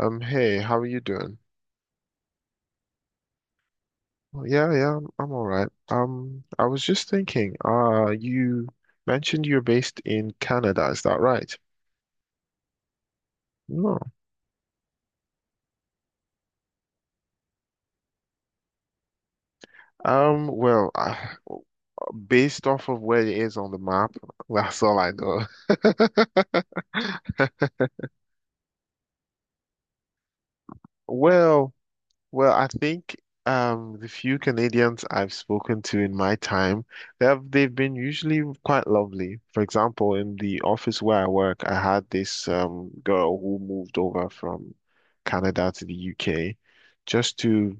Hey, how are you doing? Yeah, I'm all right. I was just thinking, you mentioned you're based in Canada, is that right? No. Um, well, uh, Based off of where it is on the map, that's all I know. Well, Well, I think the few Canadians I've spoken to in my time, they've been usually quite lovely. For example, in the office where I work, I had this girl who moved over from Canada to the UK just to,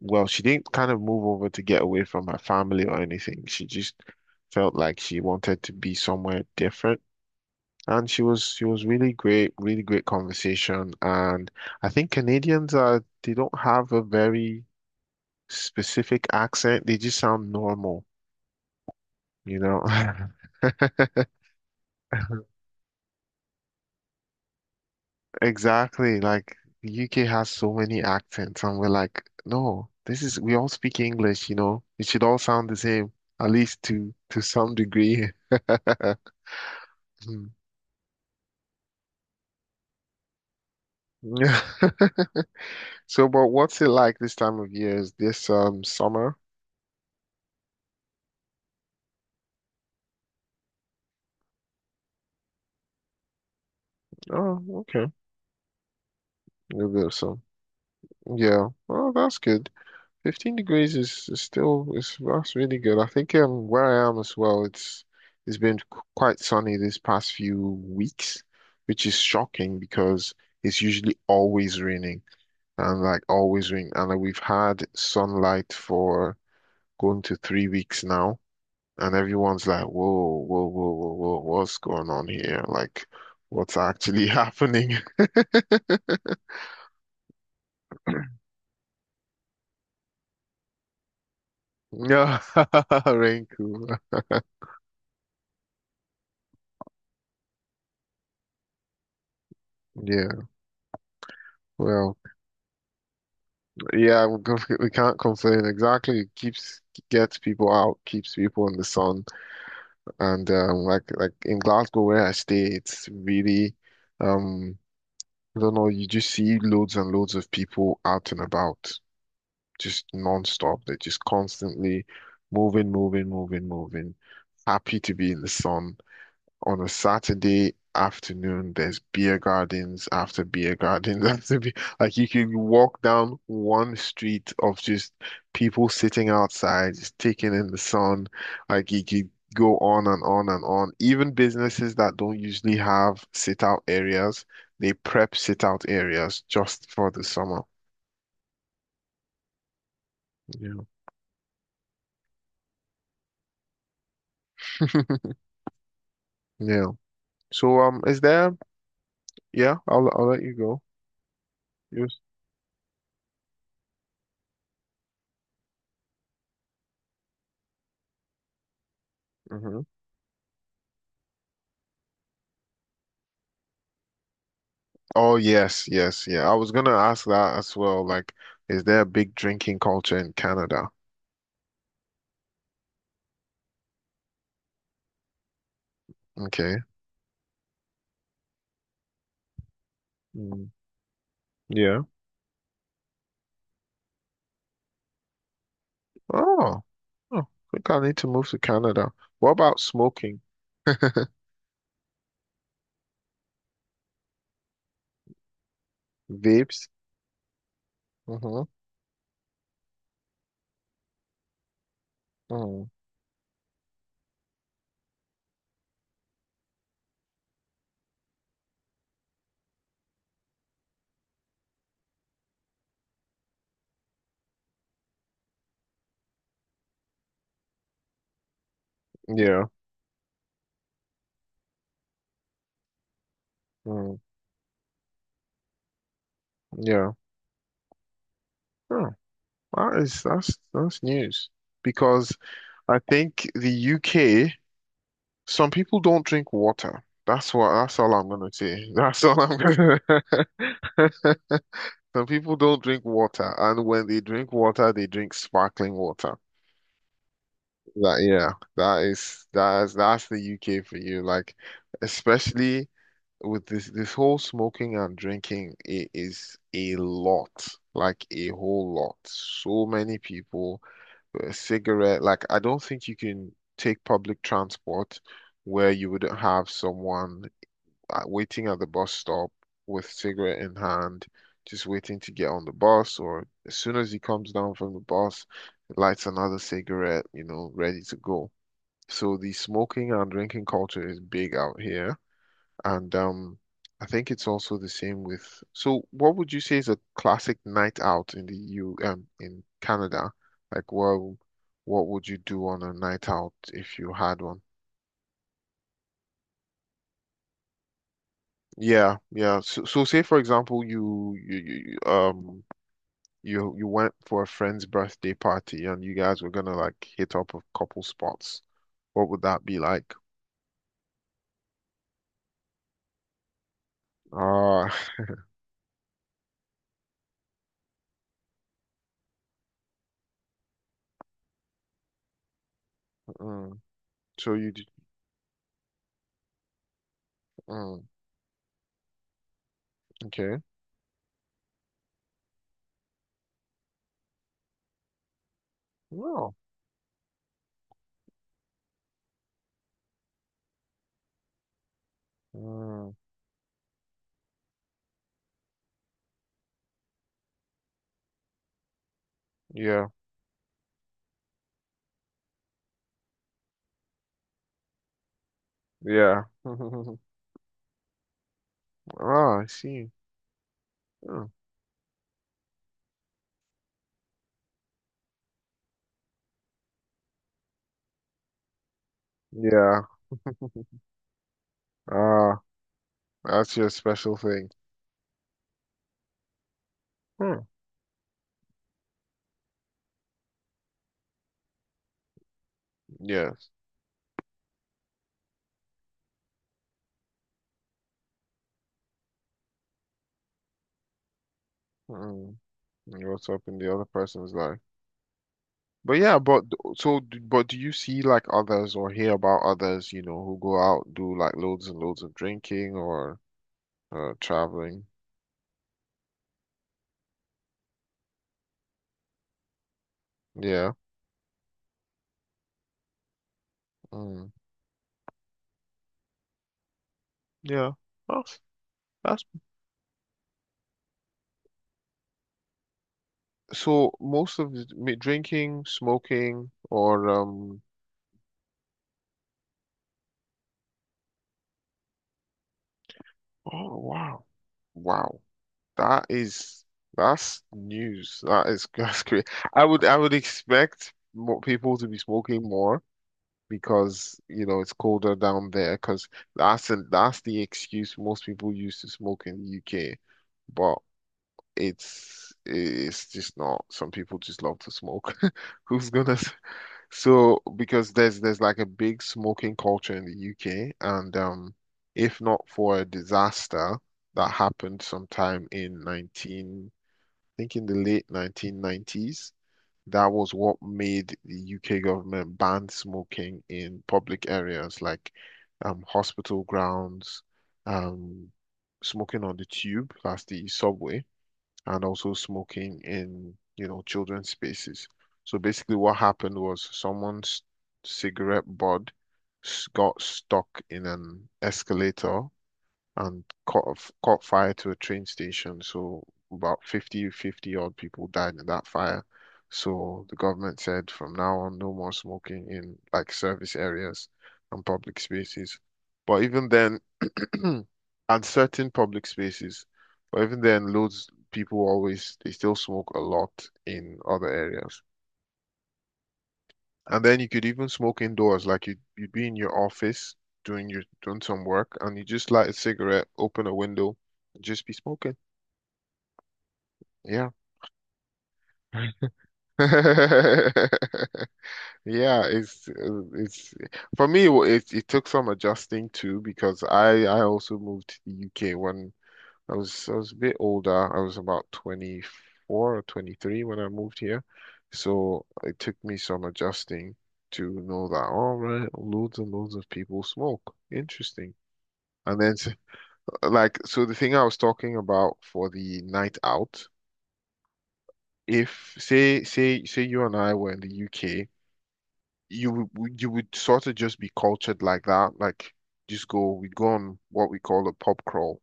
well, she didn't kind of move over to get away from her family or anything. She just felt like she wanted to be somewhere different. And she was really great, really great conversation. And I think Canadians are they don't have a very specific accent, they just sound normal, you know? Exactly. Like the UK has so many accents, and we're like, no, this is we all speak English, you know, it should all sound the same, at least to some degree. Hmm. So, but what's it like this time of year? Is this summer? Oh, okay. A little bit of sun. Yeah. Well, that's good. 15 degrees is still is that's really good. I think where I am as well, it's been quite sunny this past few weeks, which is shocking because it's usually always raining and like always rain. And like, we've had sunlight for going to 3 weeks now, and everyone's like, whoa, whoa, whoa, whoa, whoa, what's going on here? Like, what's actually happening? Yeah, rain cool. Yeah, well. Yeah, we can't complain. Exactly. It keeps gets people out, keeps people in the sun. And like in Glasgow where I stay, it's really um I don't know, you just see loads and loads of people out and about, just non-stop. They're just constantly moving, moving, moving, moving, happy to be in the sun on a Saturday afternoon, there's beer gardens after beer gardens after beer. Like you can walk down one street of just people sitting outside, just taking in the sun. Like you could go on and on and on. Even businesses that don't usually have sit out areas, they prep sit out areas just for the summer. Yeah. Yeah. So is there? Yeah, I'll let you go. Yes. Mhm. Oh yes, yes, yeah. I was gonna ask that as well. Like, is there a big drinking culture in Canada? Okay. Mm, yeah. Oh. Oh, I think I need to move to Canada. What about smoking? Vapes? Mm-hmm. Mm. Yeah. Mm. Yeah. Oh, that is that's news. Because I think the UK, some people don't drink water. That's what that's all I'm gonna say. That's all I'm gonna Some people don't drink water, and when they drink water, they drink sparkling water. That yeah, that is that's the UK for you. Like, especially with this whole smoking and drinking, it is a lot, like a whole lot. So many people, a cigarette. Like, I don't think you can take public transport where you wouldn't have someone waiting at the bus stop with cigarette in hand, just waiting to get on the bus, or as soon as he comes down from the bus, lights another cigarette, you know, ready to go. So the smoking and drinking culture is big out here, and I think it's also the same with. So, what would you say is a classic night out in the EU, in Canada? Like, well, what would you do on a night out if you had one? Yeah, yeah. So, so say for example, you went for a friend's birthday party and you guys were gonna like hit up a couple spots. What would that be like? Ah, mm, so you d- mm, okay. Well, mm, yeah, yeah. Ah, I see. Hmm, yeah. Ah, that's your special thing. Hmm. Yes. Mm, and what's up in the other person's life? But yeah, but d- so, d- but do you see like others or hear about others, you know, who go out, do like loads and loads of drinking or traveling. Yeah. Mm, yeah. Well, that's so most of the drinking, smoking, or. Oh wow, wow. That is that's news. That is that's great. I would expect more people to be smoking more because you know it's colder down there. Because that's the excuse most people use to smoke in the UK. But it's just not. Some people just love to smoke. Who's gonna? So because there's like a big smoking culture in the UK, and if not for a disaster that happened sometime in I think in the late 1990s, that was what made the UK government ban smoking in public areas like hospital grounds, um smoking on the tube, that's the subway and also smoking in, you know, children's spaces. So basically, what happened was someone's cigarette butt got stuck in an escalator and caught fire to a train station. So about 50 odd people died in that fire. So the government said from now on, no more smoking in like service areas and public spaces. But even then, and certain public spaces, but even then, loads people always they still smoke a lot in other areas. And then you could even smoke indoors, like you'd be in your office doing some work, and you just light a cigarette, open a window, and just be smoking. Yeah. Yeah, it's for me. It it took some adjusting too because I also moved to the UK when I was a bit older. I was about 24 or 23 when I moved here. So it took me some adjusting to know that, all right, loads and loads of people smoke. Interesting. And then, like, so the thing I was talking about for the night out, if say you and I were in the UK, you would sort of just be cultured like that, like just go, we'd go on what we call a pub crawl.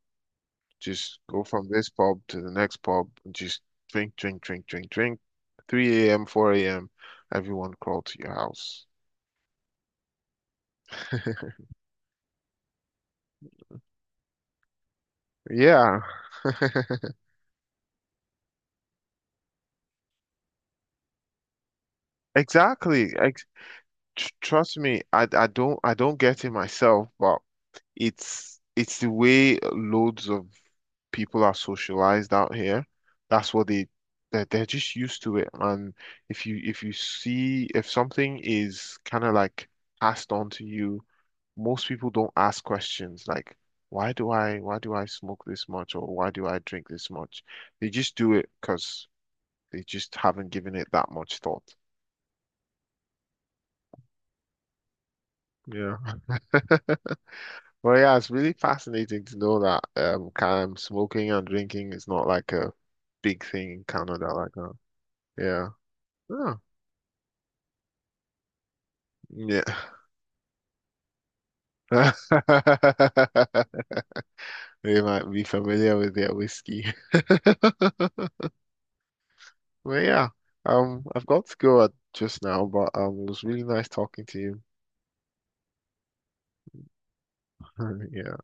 Just go from this pub to the next pub and just drink, drink, drink, drink, drink. 3 a.m., 4 a.m., everyone crawl to your house. Yeah. Exactly. Ex Trust me, I don't get it myself, but it's the way loads of people are socialized out here. That's what they they're just used to it. And if you see if something is kind of like passed on to you, most people don't ask questions like, why do I smoke this much or why do I drink this much? They just do it because they just haven't given it that much thought. Yeah. Well, yeah, it's really fascinating to know that kind of smoking and drinking is not like a big thing in Canada like that. Yeah. Oh, yeah. They might be familiar with their whiskey. Well, yeah. I've got to go at just now, but it was really nice talking to you. Yeah.